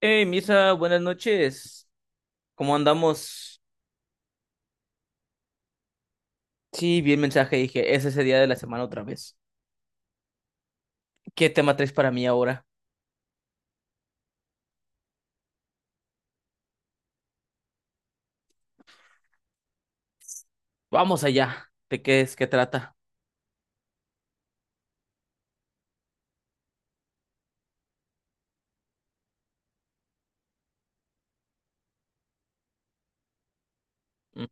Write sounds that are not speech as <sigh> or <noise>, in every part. Hey, Misa, buenas noches. ¿Cómo andamos? Sí, vi el mensaje y dije, es ese día de la semana otra vez. ¿Qué tema traes para mí ahora? Vamos allá. ¿De qué es? ¿Qué trata? Ujú,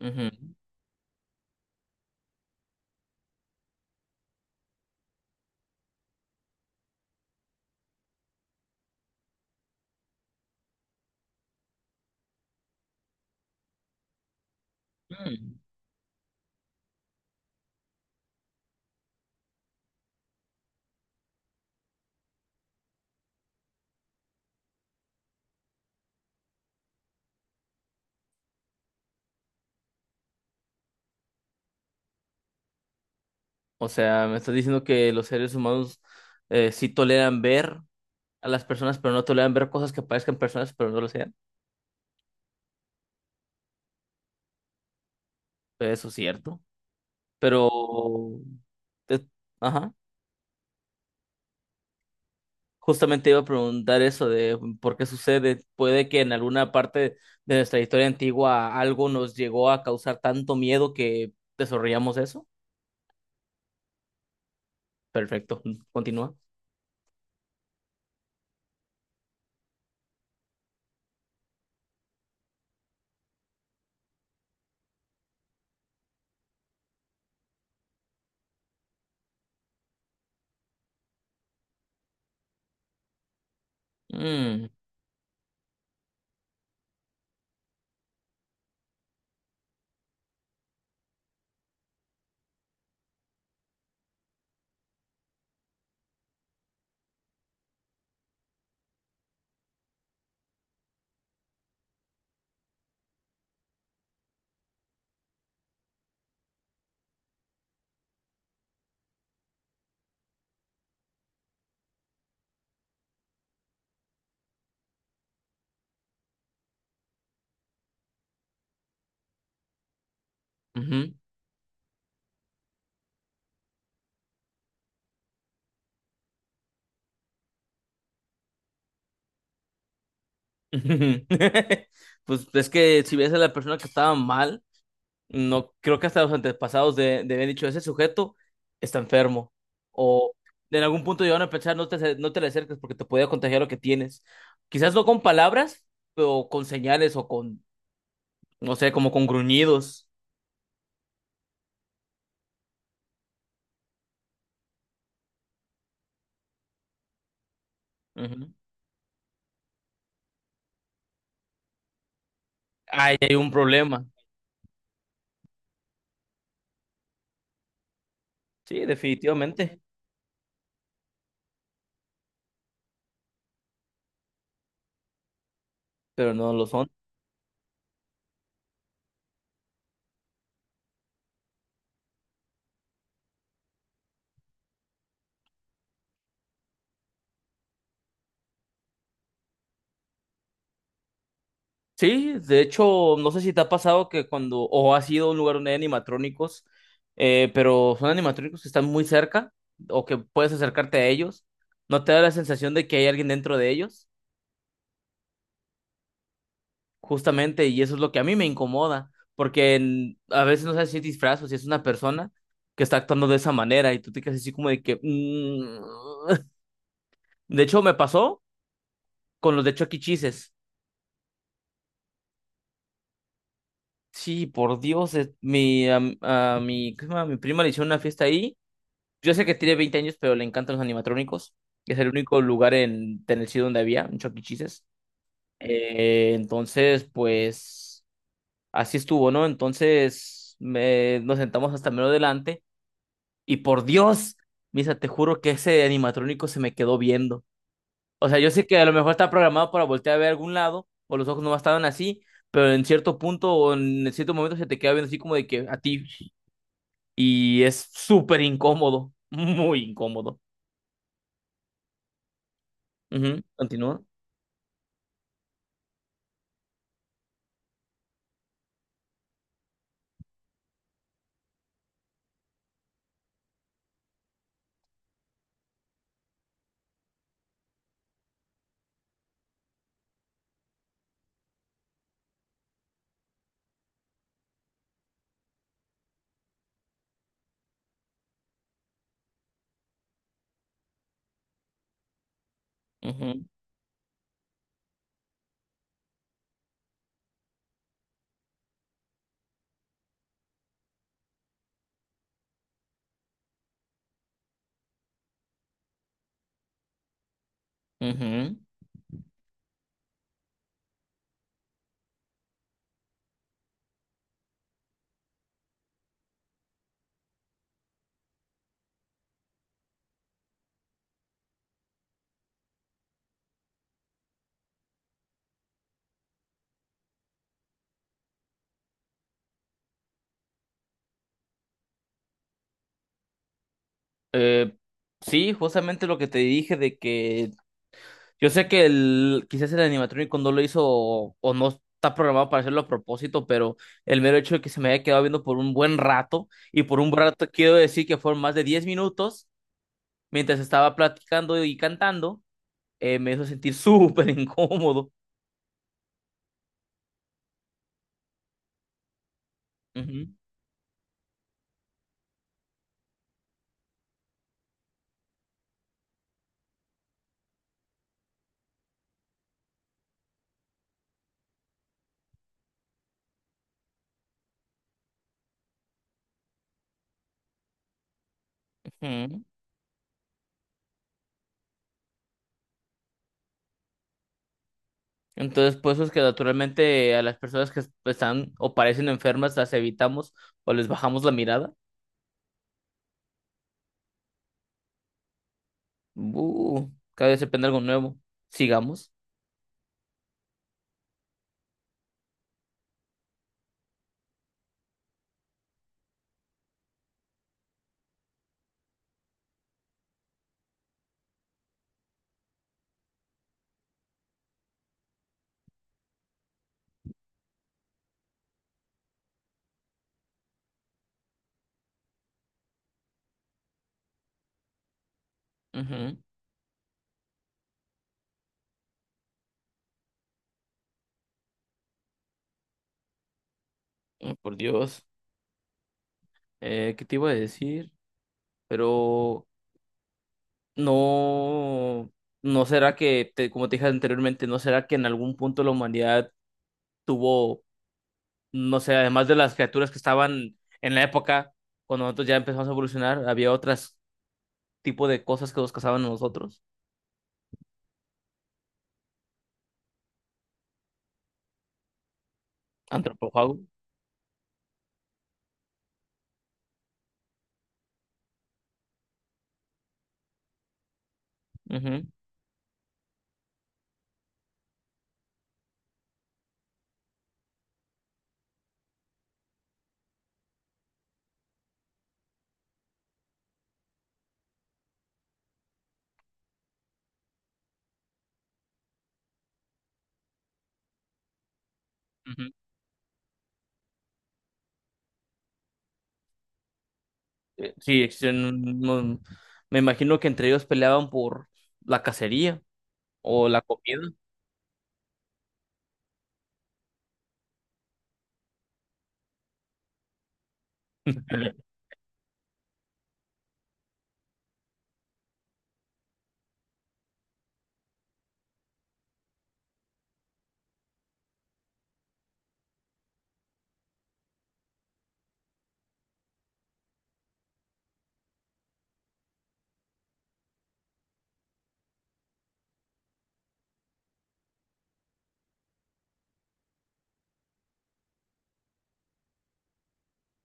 ujú, ujú. Mm. O sea, me estás diciendo que los seres humanos sí toleran ver a las personas, pero no toleran ver cosas que parezcan personas, pero no lo sean. Eso es cierto. Pero... te- ajá. Justamente iba a preguntar eso de por qué sucede. Puede que en alguna parte de nuestra historia antigua algo nos llegó a causar tanto miedo que desarrollamos eso. Perfecto, <laughs> continúa. Mm, ujú, <laughs> pues es que si ves a la persona que estaba mal, no creo que hasta los antepasados de haber dicho, ese sujeto está enfermo. O en algún punto llegaron a pensar, no te, no te le acerques porque te podía contagiar lo que tienes. Quizás no con palabras, pero con señales o con no sé, como con gruñidos. Ujú. Ahí hay un problema. Sí, definitivamente, pero no lo son. Sí, de hecho, no sé si te ha pasado que cuando, o has ido a un lugar donde hay animatrónicos, pero son animatrónicos que están muy cerca, o que puedes acercarte a ellos, ¿no te da la sensación de que hay alguien dentro de ellos? Justamente, y eso es lo que a mí me incomoda, porque a veces no sabes si es disfraz o si es una persona que está actuando de esa manera, y tú te quedas así como de que... mm. <laughs> De hecho, me pasó con los de Chucky Cheeses. Sí, por Dios, es- mi, am- a, mi, ¿cómo se llama? Mi prima le hicieron una fiesta ahí. Yo sé que tiene 20 años, pero le encantan los animatrónicos. Es el único lugar en Tennessee donde había un Chucky Cheeses. Entonces, pues, así estuvo, ¿no? Entonces, nos sentamos hasta menos adelante. Y por Dios, Misa, te juro que ese animatrónico se me quedó viendo. O sea, yo sé que a lo mejor está programado para voltear a ver algún lado, o los ojos no estaban así, pero en cierto punto o en cierto momento se te queda viendo así como de que a ti, y es súper incómodo, <laughs> muy incómodo. Ujú, continúa. Ujú, ujú. Eh, sí, justamente lo que te dije de que yo sé que quizás el animatrónico no lo hizo o no está programado para hacerlo a propósito, pero el mero hecho de que se me haya quedado viendo por un buen rato, y por un buen rato quiero decir que fueron más de 10 minutos mientras estaba platicando y cantando, me hizo sentir <laughs> súper incómodo. Ujú, ujú. Entonces, pues es que naturalmente a las personas que están o parecen enfermas las evitamos o les bajamos la mirada. Uh, cada vez se aprende algo nuevo. Sigamos. Ujú. Oh, por Dios. ¿Qué te iba a decir? Pero no, no será que, como te dije anteriormente, no será que en algún punto la humanidad tuvo no sé, además de las criaturas que estaban en la época, cuando nosotros ya empezamos a evolucionar, había otros tipo de cosas que nos cazaban a nosotros, antropófagos. Ujú, ujú. Sí, me imagino que entre ellos peleaban por la cacería o la comida. <laughs>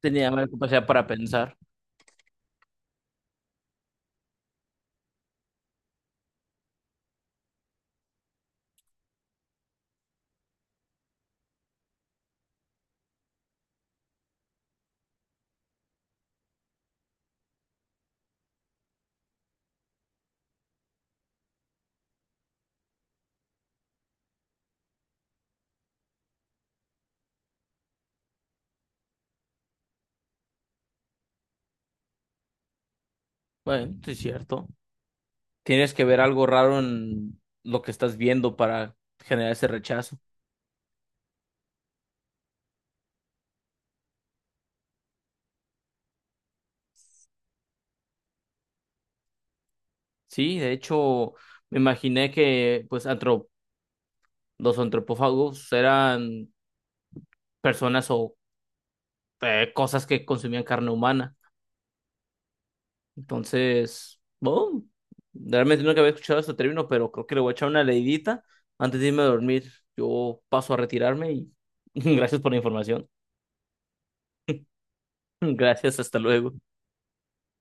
Tenía más capacidad para pensar. Bueno, sí es cierto. Tienes que ver algo raro en lo que estás viendo para generar ese rechazo. Sí, de hecho, me imaginé que pues los antropófagos eran personas o cosas que consumían carne humana. Entonces, bueno, realmente nunca había escuchado este término, pero creo que le voy a echar una leidita antes de irme a dormir. Yo paso a retirarme y <laughs> gracias por la información. <laughs> Gracias, hasta luego.